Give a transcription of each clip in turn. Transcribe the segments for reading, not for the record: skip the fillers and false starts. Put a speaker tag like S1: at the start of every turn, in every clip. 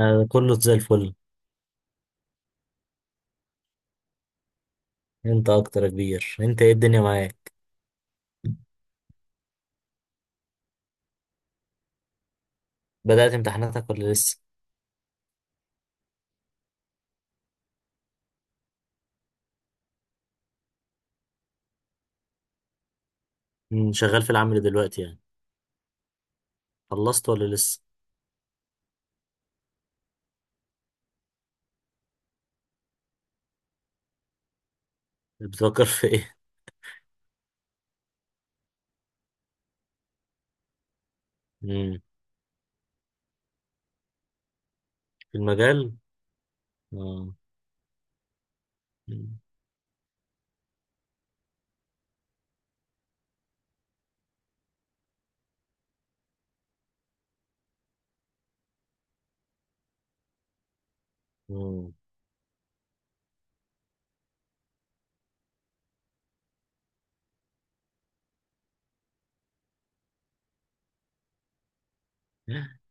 S1: أنا كله زي الفل. انت اكتر يا كبير، انت ايه الدنيا معاك؟ بدأت امتحاناتك ولا لسه؟ شغال في العمل دلوقتي يعني؟ خلصت ولا لسه؟ بتفكر في ايه؟ مم، في المجال. اه. مم. مم.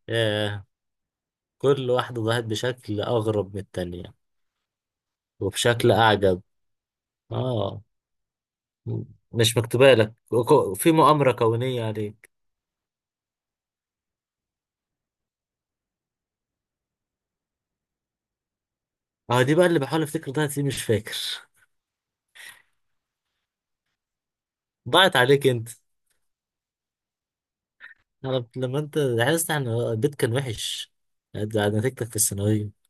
S1: ياه، كل واحدة ضاعت بشكل اغرب من التانية وبشكل اعجب. اه. مم، مش مكتوبة لك، في مؤامرة كونية عليك. اه، دي بقى اللي بحاول افتكر ضاعت ليه، مش فاكر ضاعت عليك انت. انا لما انت عايز ان البيت كان وحش بعد نتيجتك في الثانويه.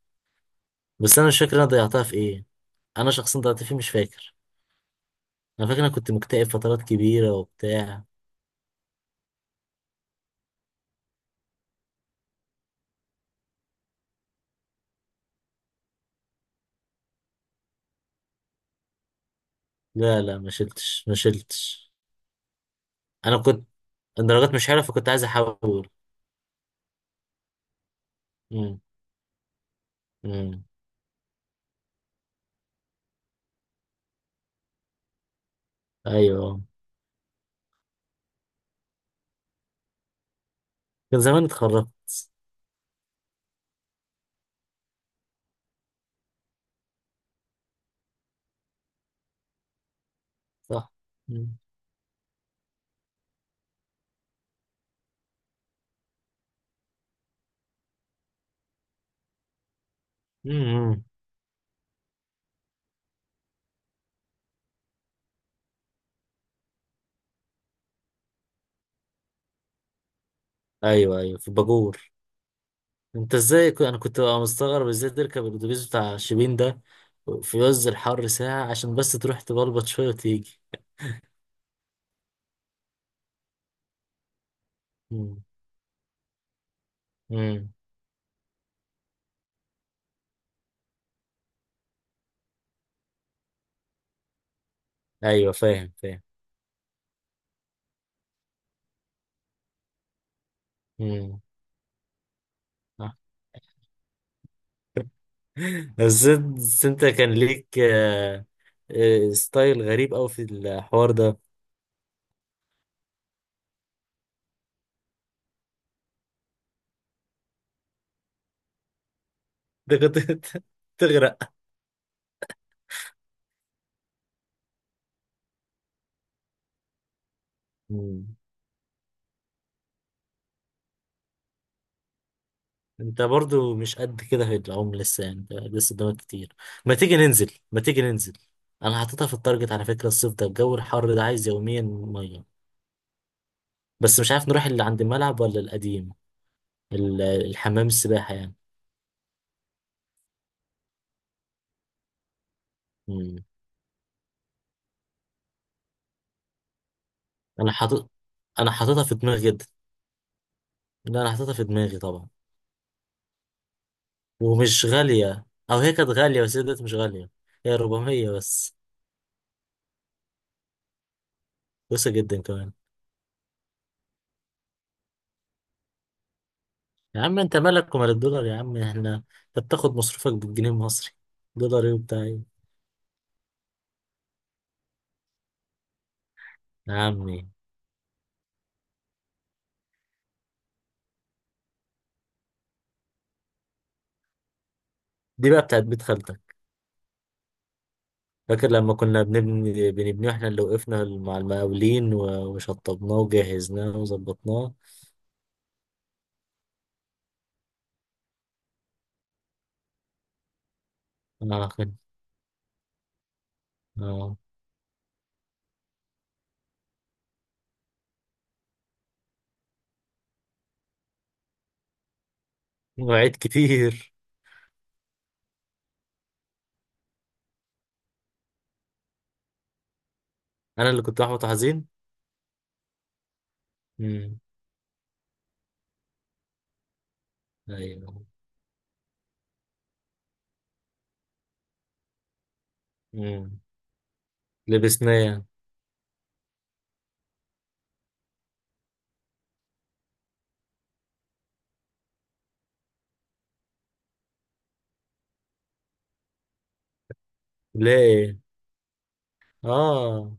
S1: بس انا مش فاكر انا ضيعتها في ايه. انا شخصيا ضيعت فيه مش فاكر. انا فاكر انا كنت مكتئب فترات كبيره وبتاع. لا لا، ما شلتش ما شلتش. انا كنت الدرجات مش حلوه فكنت عايز احول. امم، امم، ايوه، كان زمان اتخرجت. صح. امم، امم، ايوه ايوه، في الباجور. انت ازاي انا كنت بقى مستغرب ازاي تركب الاتوبيس بتاع شبين ده في عز الحر ساعة عشان بس تروح تبلبط شوية وتيجي. مم. مم. ايوه، فاهم فاهم. مم. آه. بس انت كان ليك ستايل غريب قوي في الحوار ده. ده كنت تغرق. مم. انت برضو مش قد كده في العمر لسه، يعني انت لسه قدامك كتير. ما تيجي ننزل ما تيجي ننزل. انا حاططها في التارجت على فكرة، الصيف ده الجو الحر ده عايز يوميا مية. بس مش عارف نروح اللي عند الملعب ولا القديم، الحمام السباحة يعني. مم. أنا حاطط أنا حاططها في دماغي جدا. لا، أنا حاططها في دماغي طبعا. ومش غالية، أو هي كانت غالية بس هي دلوقتي مش غالية، هي 400 بس. رخيصة جدا كمان. يا عم أنت مالك ومال الدولار، يا عم إحنا أنت بتاخد مصروفك بالجنيه المصري، دولار إيه وبتاع إيه؟ يا عمي. دي بقى بتاعت بيت خالتك. فاكر لما كنا بنبني واحنا اللي وقفنا مع المقاولين وشطبناه وجهزناه وظبطناه. اه، آه. مواعيد كتير. انا اللي كنت احبط حزين. امم، ايوه. امم لبسناه. ليه؟ اه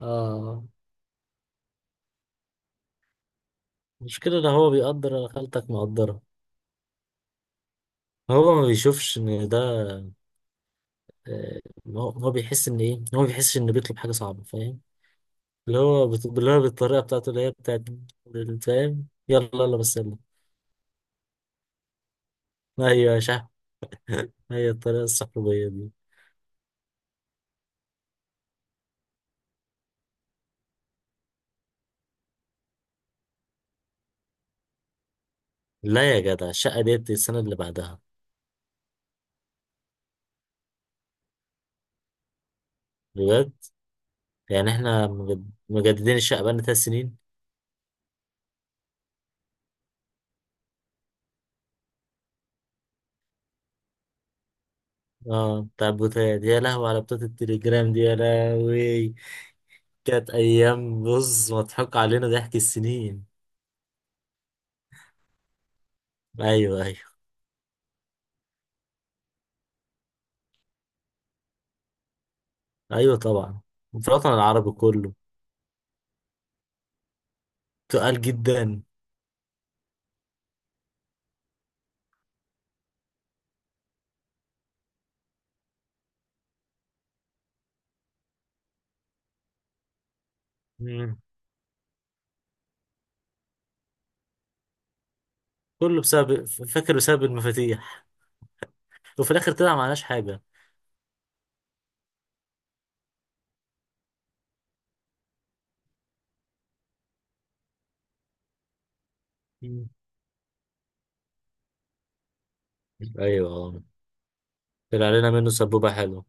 S1: اه، المشكلة ان هو بيقدر، انا خالتك مقدرة. هو ما بيشوفش ان ده، آه، هو بيحس ان ايه، هو ما بيحسش ان بيطلب حاجة صعبة، فاهم؟ اللي هو بالطريقة بتاعته، اللي هي بتاعت فاهم، يلا يلا بس يلا. ايوه يا شحن. هي الطريقة الصحوبية دي. لا يا جدع، الشقة ديت السنة اللي بعدها. بجد؟ يعني احنا مجددين الشقة بقالنا 3 سنين. اه، بتاع البوتات، يا لهوي على بتات التليجرام دي، يا لهوي. كانت ايام، بص مضحك علينا ضحك السنين. ايوه ايوه. ايوه طبعا. في الوطن العربي كله. تقال جدا. مم. كله بسبب، فاكر بسبب المفاتيح. وفي الاخر طلع معناش حاجه. مم. ايوه اه، طلع علينا منه سبوبه حلوه.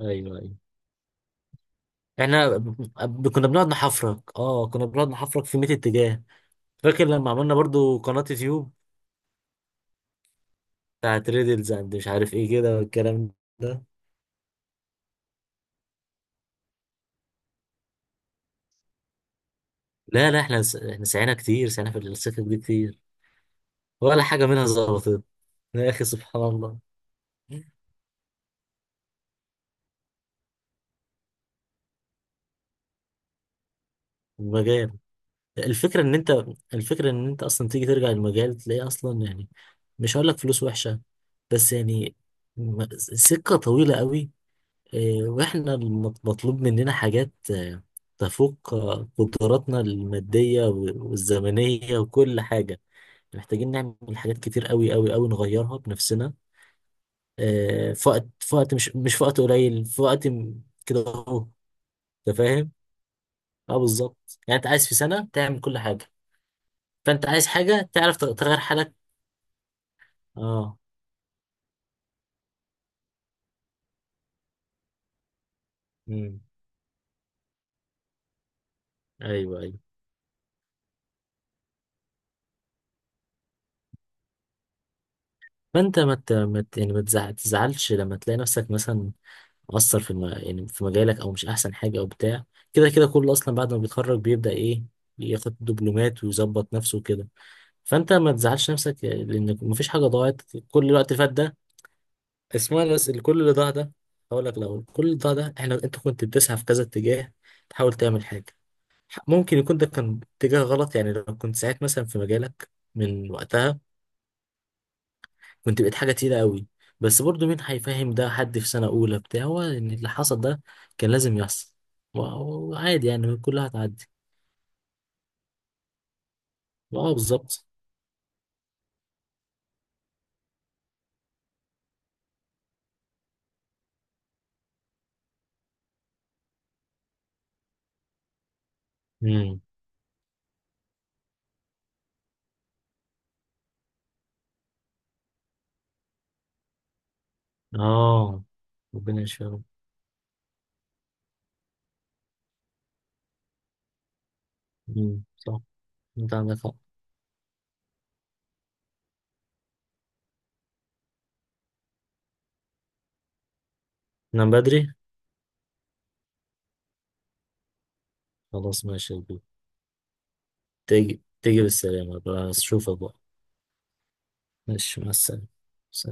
S1: ايوه ايوه. احنا ب- كنا بنقعد نحفرك اه كنا بنقعد نحفرك في 100 اتجاه. فاكر لما عملنا برضو قناه يوتيوب بتاعت ريدلز اند مش عارف ايه كده والكلام ده، لا لا، احنا سعينا كتير، سعينا في السكك دي كتير. ولا حاجة منها ظبطت. يا أخي سبحان الله. المجال. الفكرة إن أنت الفكرة إن أنت أصلا تيجي ترجع المجال تلاقيه أصلا يعني. مش هقول لك فلوس وحشة. بس يعني سكة طويلة قوي. وإحنا مطلوب مننا حاجات تفوق قدراتنا المادية والزمنية وكل حاجة. محتاجين نعمل حاجات كتير، قوي قوي قوي، نغيرها بنفسنا. في وقت مش في وقت قليل، كده اهو. انت فاهم؟ اه بالظبط، يعني انت عايز في سنه تعمل كل حاجه. فانت عايز حاجه تعرف تغير حالك. اه، امم، ايوه ايوه. فانت ما ت- ما ت- يعني ما تزع- تزعلش لما تلاقي نفسك مثلا مقصر يعني في مجالك او مش احسن حاجه او بتاع. كده كده كله اصلا بعد ما بيتخرج بيبدا ايه، ياخد دبلومات ويظبط نفسه كده. فانت ما تزعلش نفسك لان مفيش حاجه ضاعت. كل الوقت فات ده، اسمعني بس، كل اللي ضاع ده هقول لك الاول. كل اللي ضاع ده احنا انت كنت بتسعى في كذا اتجاه، تحاول تعمل حاجه. ممكن يكون ده كان اتجاه غلط، يعني لو كنت ساعات مثلا في مجالك من وقتها كنت بقيت حاجه تقيله قوي. بس برضو مين هيفهم ده؟ حد في سنه اولى بتاع، هو ان اللي حصل ده كان لازم يحصل و- وعادي يعني، كلها هتعدي. اه بالظبط. امم، اه. ربنا يشفيهم. امم، صح. انت عندك حق. نام بدري. خلاص ماشي يا كبير. تيجي تيجي بالسلامه بقى، اشوفك بقى. ماشي مع السلامة. سلام.